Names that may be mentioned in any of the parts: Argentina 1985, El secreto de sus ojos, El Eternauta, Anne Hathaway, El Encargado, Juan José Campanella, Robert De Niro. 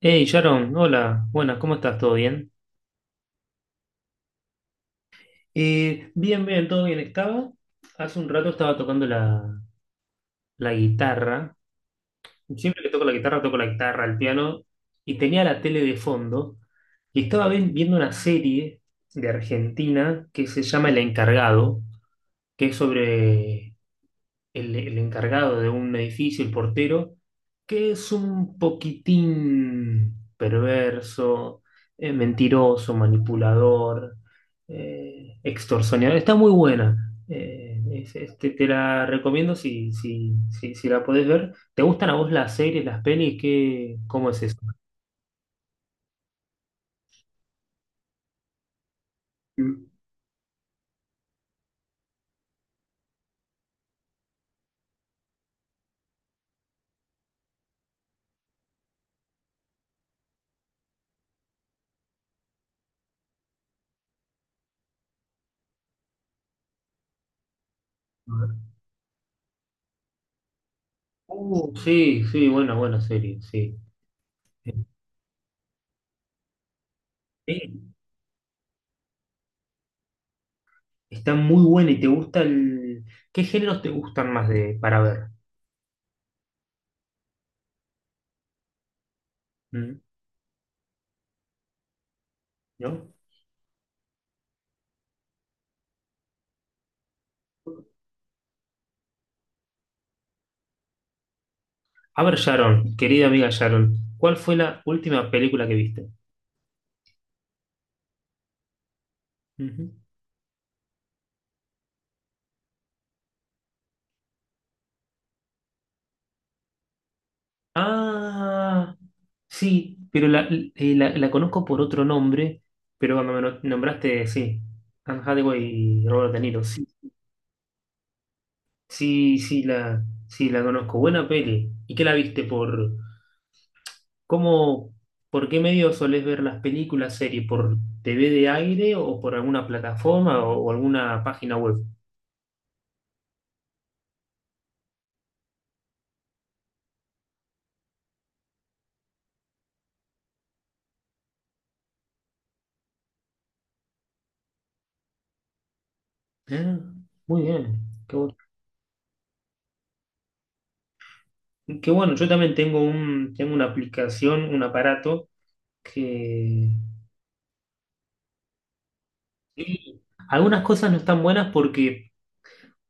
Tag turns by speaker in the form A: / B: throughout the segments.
A: Hey Sharon, hola, buenas, ¿cómo estás? ¿Todo bien? Bien, bien, todo bien. Hace un rato estaba tocando la guitarra. Siempre que toco la guitarra, el piano, y tenía la tele de fondo, y estaba viendo una serie de Argentina que se llama El Encargado, que es sobre el encargado de un edificio, el portero, que es un poquitín perverso, mentiroso, manipulador, extorsionador. Está muy buena. Te la recomiendo si la podés ver. ¿Te gustan a vos las series, las pelis? ¿Qué, cómo es eso? Mm. Sí, sí, buena, buena serie, sí. Eh, está muy buena y te gusta el... ¿Qué géneros te gustan más de para ver? ¿Mm? ¿No? A ver, Sharon, querida amiga Sharon, ¿cuál fue la última película que viste? Ujú. Ah, sí, pero la conozco por otro nombre, pero cuando me nombraste, sí, Anne Hathaway y Robert De Niro, sí, sí, sí, sí, la conozco. Buena peli. ¿Y qué la viste cómo, por qué medio solés ver las películas, series? ¿Por TV de aire o por alguna plataforma o alguna página web? Ah, muy bien, qué bueno. que bueno, yo también tengo tengo una aplicación, un aparato que y algunas cosas no están buenas porque,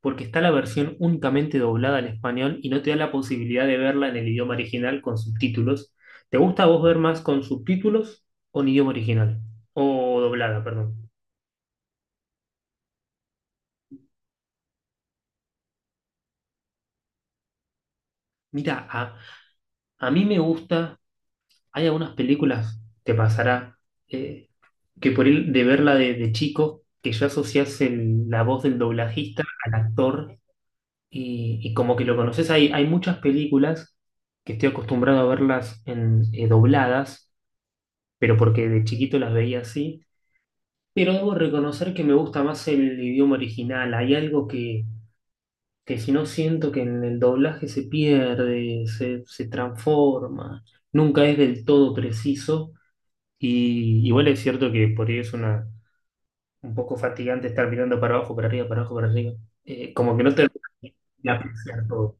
A: porque está la versión únicamente doblada al español y no te da la posibilidad de verla en el idioma original con subtítulos. ¿Te gusta a vos ver más con subtítulos o en idioma original? O doblada, perdón. Mira, a, a mí me gusta, hay algunas películas, te pasará, eh, que por el de verla de chico, que ya asocias la voz del doblajista al actor y como que lo conoces, hay muchas películas que estoy acostumbrado a verlas dobladas, pero porque de chiquito las veía así. Pero debo reconocer que me gusta más el idioma original. Hay algo que si no siento que en el doblaje se pierde, se transforma, nunca es del todo preciso. Y igual es cierto que por ahí es un poco fatigante estar mirando para abajo, para arriba, para abajo, para arriba. Como que no te de apreciar todo.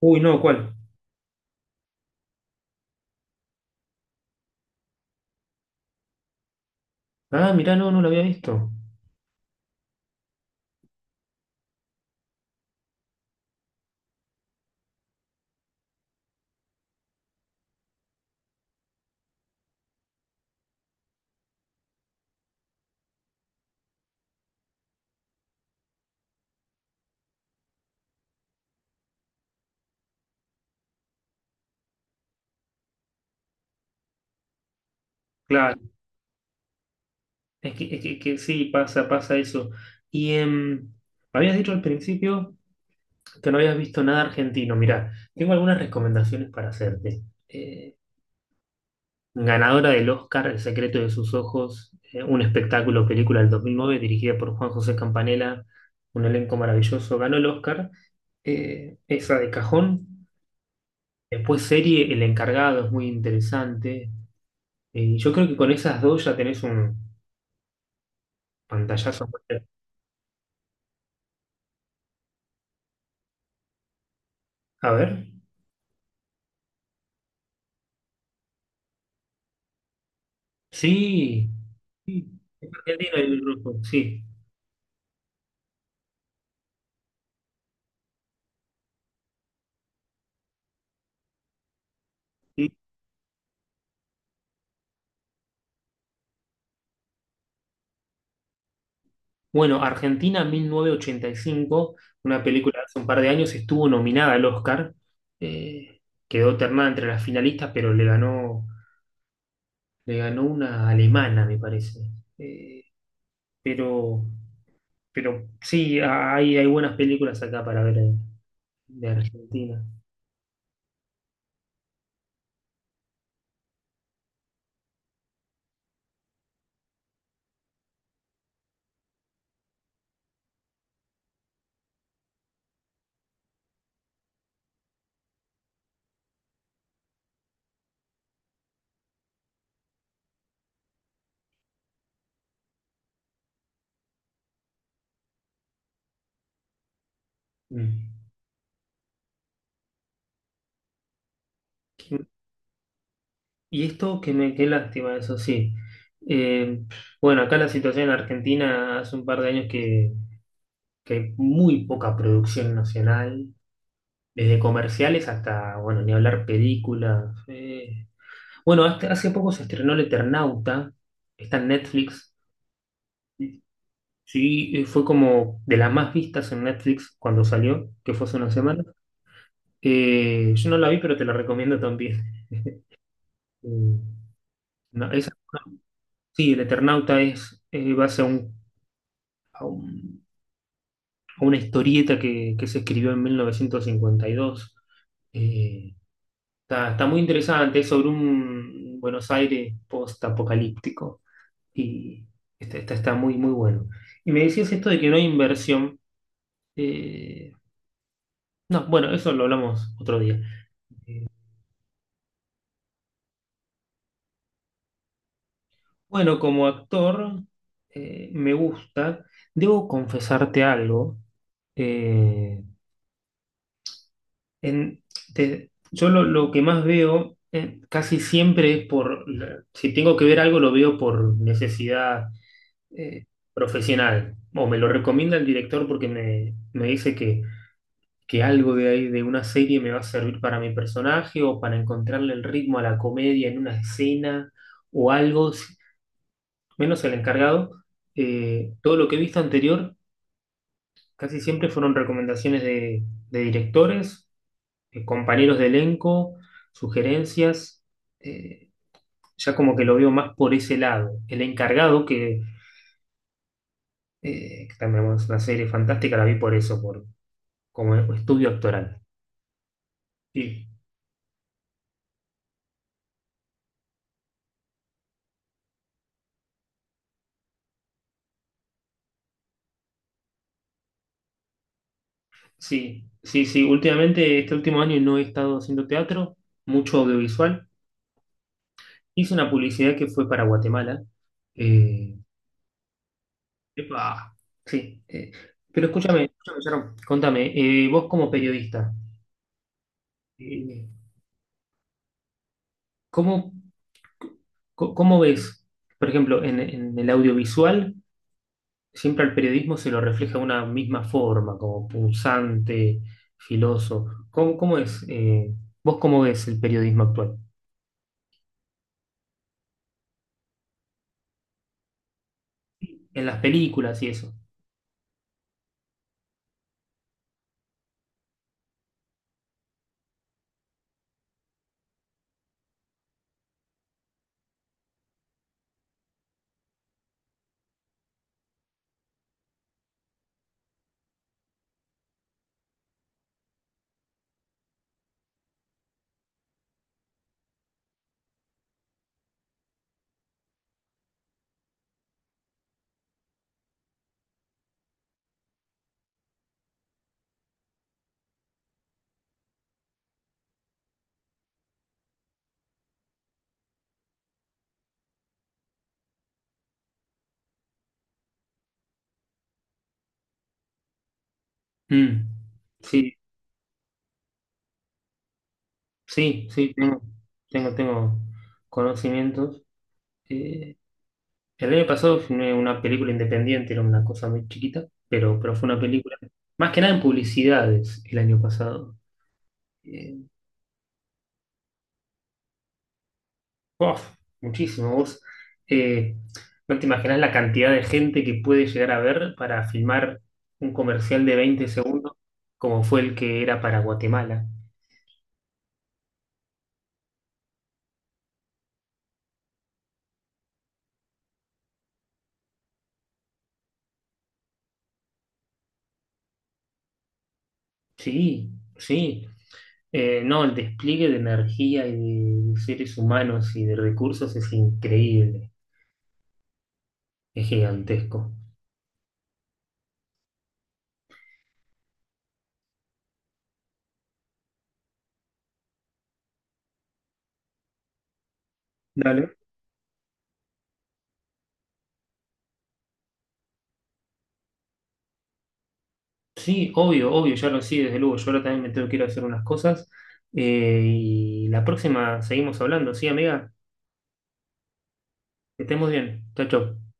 A: Uy, no, ¿cuál? Ah, mirá, no, no lo había visto. Claro, es que, es que sí, pasa, pasa eso. Y habías dicho al principio que no habías visto nada argentino. Mirá, tengo algunas recomendaciones para hacerte. Eh, ganadora del Oscar, El secreto de sus ojos, un espectáculo, película del dos mil nueve, dirigida por Juan José Campanella, un elenco maravilloso, ganó el Oscar. Esa de cajón. Después serie El encargado, es muy interesante. Y yo creo que con esas dos ya tenés un pantallazo. A ver. Sí. Sí. Es Argentino el rojo, sí. Sí. Bueno, Argentina 1985, una película de hace un par de años, estuvo nominada al Oscar. Eh, quedó ternada entre las finalistas, pero le ganó una alemana, me parece. Eh, pero, pero sí, hay buenas películas acá para ver de Argentina. Mm. Y esto que me, qué lástima, eso sí. Eh, bueno, acá la situación en Argentina hace un par de años que hay muy poca producción nacional, desde comerciales hasta, bueno, ni hablar películas. Eh. Bueno, hace poco se estrenó El Eternauta, está en Netflix. Sí, fue como de las más vistas en Netflix cuando salió, que fue hace una semana. Yo no la vi, pero te la recomiendo también. Eh, no, esa- sí, El Eternauta es, va a ser un- a una historieta que se escribió en 1952. Eh, está, está muy interesante, es sobre un Buenos Aires post-apocalíptico y está, está, está muy, muy bueno. Y me decías esto de que no hay inversión. Eh, no, bueno, eso lo hablamos otro día. Bueno, como actor, me gusta. Debo confesarte algo. Eh, en- yo lo que más veo casi siempre es si tengo que ver algo, lo veo por necesidad eh, profesional. O me lo recomienda el director porque me dice que algo de ahí, de una serie, me va a servir para mi personaje o para encontrarle el ritmo a la comedia en una escena o algo, si- menos el encargado. Eh, todo lo que he visto anterior casi siempre fueron recomendaciones de directores compañeros de elenco, sugerencias, eh, ya como que lo veo más por ese lado. El encargado, que también bueno, es una serie fantástica, la vi por eso, por, como estudio actoral. Sí, sí, sí, sí. Últimamente, este último año no he estado haciendo teatro, mucho audiovisual. Hice una publicidad que fue para Guatemala. Eh, epa, sí. Eh, pero escúchame, escúchame, Sharon, contame, vos como periodista, eh, ¿cómo ¿Cómo ves, por ejemplo, en el audiovisual, siempre al periodismo se lo refleja de una misma forma, como punzante, filoso? ¿Cómo, cómo es? Eh, ¿vos cómo ves el periodismo actual? En las películas y eso. Mm, sí, sí, sí, tengo, tengo, tengo conocimientos. Eh, el año pasado filmé una película independiente, era una cosa muy chiquita, pero fue una película, más que nada en publicidades el año pasado. Eh, Uf, muchísimo. Vos eh, no te imaginas la cantidad de gente que puede llegar a ver para filmar un comercial de 20 segundos como fue el que era para Guatemala. Sí, sí. No, el despliegue de energía y de seres humanos y de recursos es increíble, es gigantesco. Dale. Sí, obvio, obvio, ya lo sí, desde luego. Yo ahora también me tengo que ir a hacer unas cosas. Y la próxima seguimos hablando, ¿sí, amiga? Que estemos bien. Chao, chao.